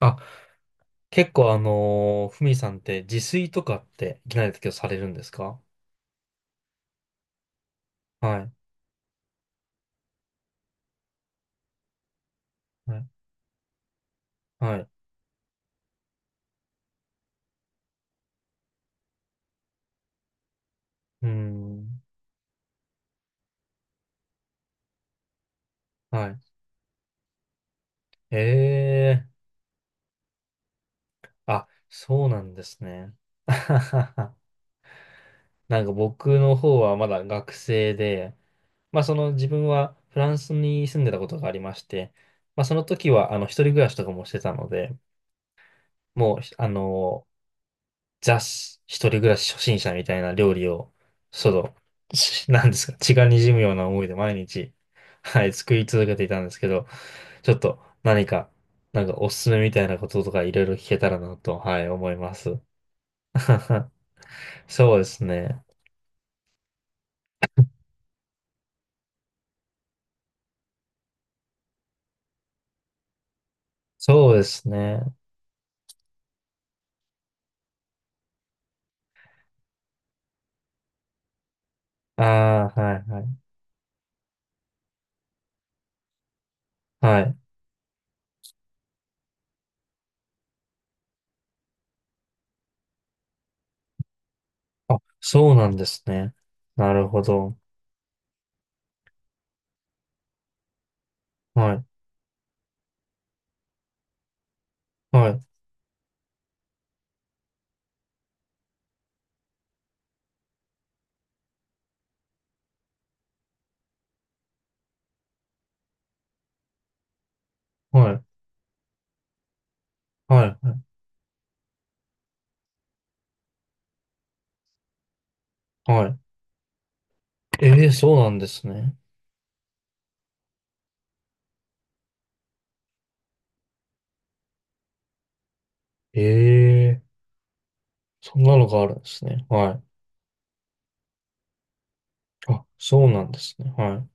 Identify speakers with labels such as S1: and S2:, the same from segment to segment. S1: あ、結構ふみさんって自炊とかっていきなりだけどされるんですか？はい。はい。はい。うーん。はい。ええー。あ、そうなんですね。あははは。なんか僕の方はまだ学生で、まあその自分はフランスに住んでたことがありまして、まあその時は一人暮らしとかもしてたので、もうー一人暮らし初心者みたいな料理を、その、なんですか、血が滲むような思いで毎日、はい、作り続けていたんですけど、ちょっと何か、なんかおすすめみたいなこととかいろいろ聞けたらなと、はい、思います。そうですね。そうですね。ああ、はい、はい。はい。あ、そうなんですね。なるほど。はい、はい、はい、はい、はい。はい。ええー、そうなんですね。ええ。そんなのがあるんですね。はい。あ、そうなんですね。はい。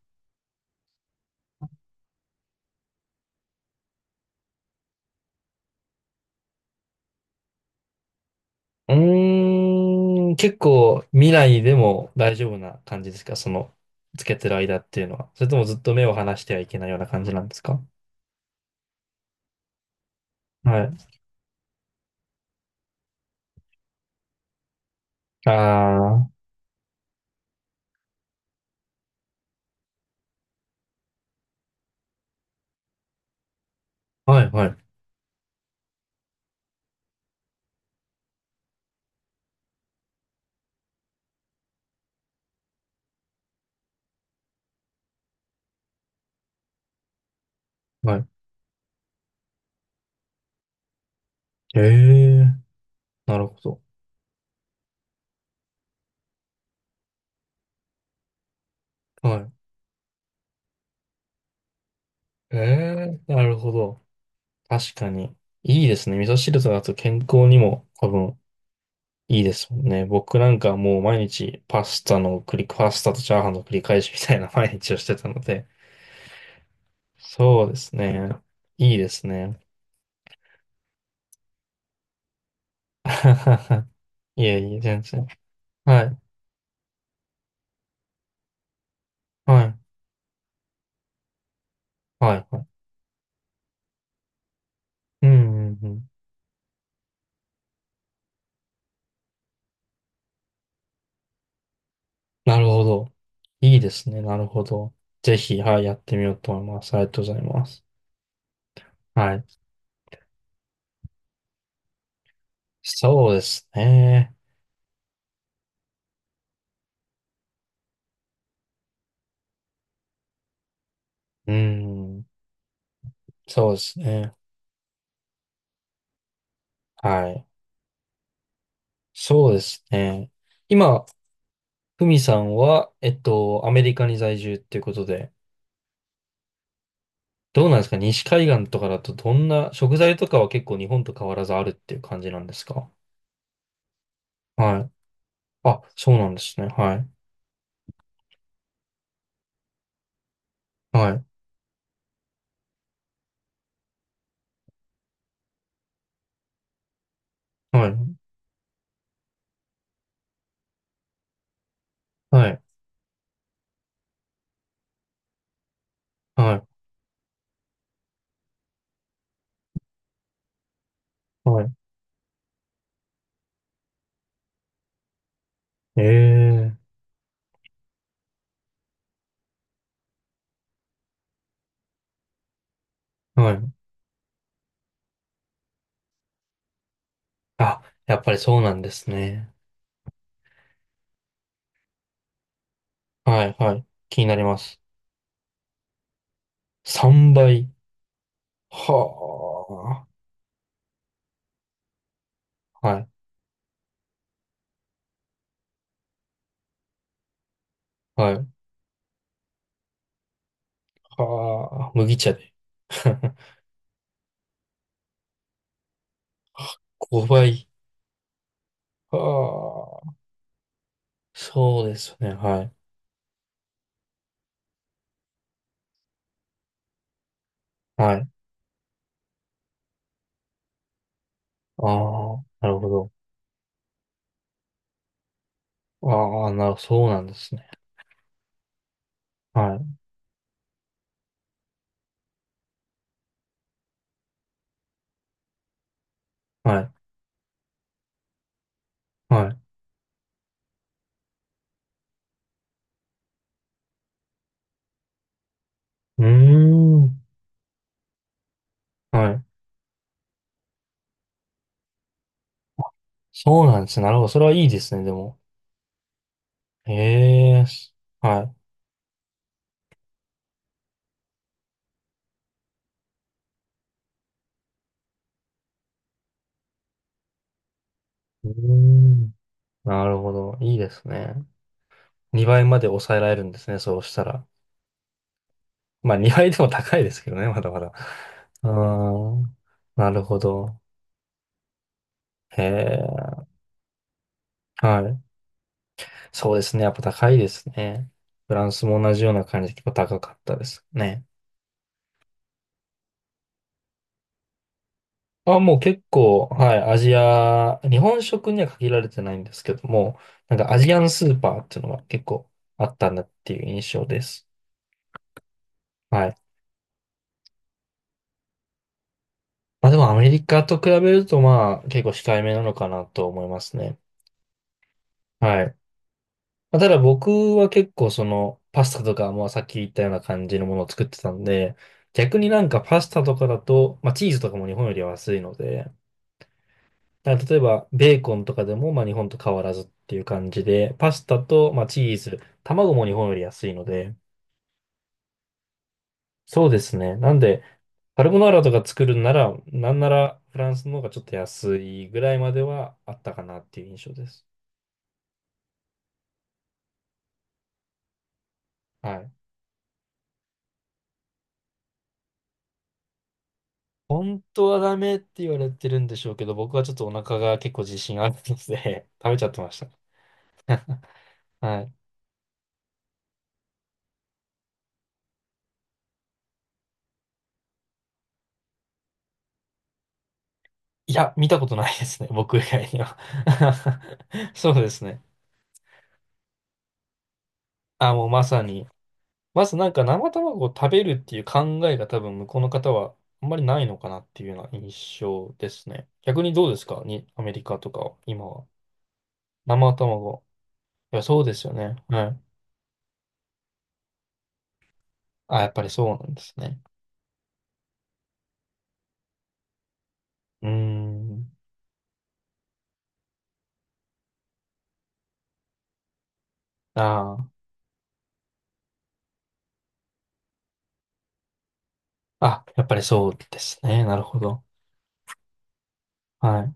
S1: うーん、結構未来でも大丈夫な感じですか、その、つけてる間っていうのは？それともずっと目を離してはいけないような感じなんですか？はい。ああ、はい、はい、はい。ええ、なるほど。はい。ええ、なるほど。確かに。いいですね。味噌汁とだと健康にも多分いいですもんね。僕なんかもう毎日パスタの繰り、パスタとチャーハンの繰り返しみたいな 毎日をしてたので、そうですね。いいですね。いえいえ、全然。はい、はい、はい、はい。うん、うん、うん。なるほど。いいですね。なるほど。ぜひ、はい、やってみようと思います。ありがとうございます。はい。そうですね。うん。そうですね。はい。そうですね。今、ふみさんは、アメリカに在住っていうことで、どうなんですか？西海岸とかだとどんな、食材とかは結構日本と変わらずあるっていう感じなんですか？はい。あ、そうなんですね。はい。はい。はい。はい。はい。はい。ええ。はい。あ、やっぱりそうなんですね。はい。はい。気になります。3倍。はあ。はい。はい。はあ。麦茶で。5倍。はあ。そうですね。はい。はい。ああ、なるほど。ああ、な、そうなんですね。はい、はい、はい。うーん、はい。そうなんですね。なるほど。それはいいですね、でも。ええ、はい。うーん、なるほど。いいですね。2倍まで抑えられるんですね、そうしたら。まあ、2倍でも高いですけどね、まだまだ。うーん、なるほど。へえ、はい。そうですね。やっぱ高いですね。フランスも同じような感じで結構高かったですね。あ、もう結構、はい、アジア、日本食には限られてないんですけども、なんかアジアンスーパーっていうのが結構あったんだっていう印象です。はい。まあでもアメリカと比べるとまあ結構控えめなのかなと思いますね。はい。まあ、ただ僕は結構そのパスタとかもうさっき言ったような感じのものを作ってたんで、逆になんかパスタとかだと、まあチーズとかも日本よりは安いので、だから例えば、ベーコンとかでも、まあ、日本と変わらずっていう感じで、パスタと、まあ、チーズ、卵も日本より安いので、そうですね。なんで、カルボナーラとか作るんなら、なんならフランスの方がちょっと安いぐらいまではあったかなっていう印象です。はい。本当はダメって言われてるんでしょうけど、僕はちょっとお腹が結構自信あるので 食べちゃってました。はい。いや、見たことないですね。僕以外には そうですね。あ、もうまさに。まずなんか生卵を食べるっていう考えが多分向こうの方はあんまりないのかなっていうような印象ですね。逆にどうですかに、アメリカとかは、今は。生卵。いや、そうですよね。はい。あ、やっぱりそうなんですね。うーん。ああ。あ、やっぱりそうですね。なるほど。はい。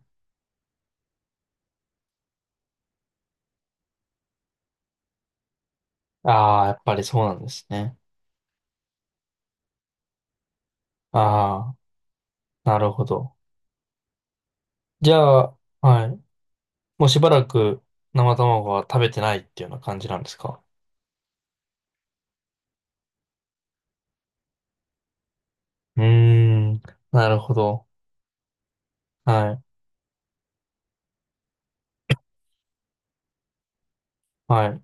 S1: ああ、やっぱりそうなんですね。ああ、なるほど。じゃあ、はい。もうしばらく生卵は食べてないっていうような感じなんですか？うーん。なるほど。はい、はい、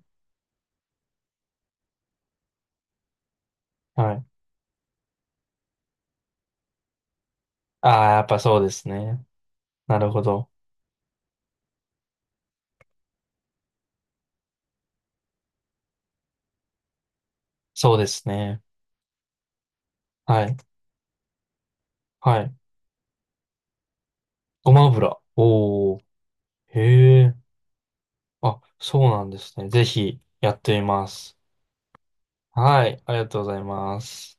S1: はい。ああ、やっぱそうですね。なるほど。そうですね。はい、はい。ごま油。おお。へえ。あ、そうなんですね。ぜひやってみます。はい、ありがとうございます。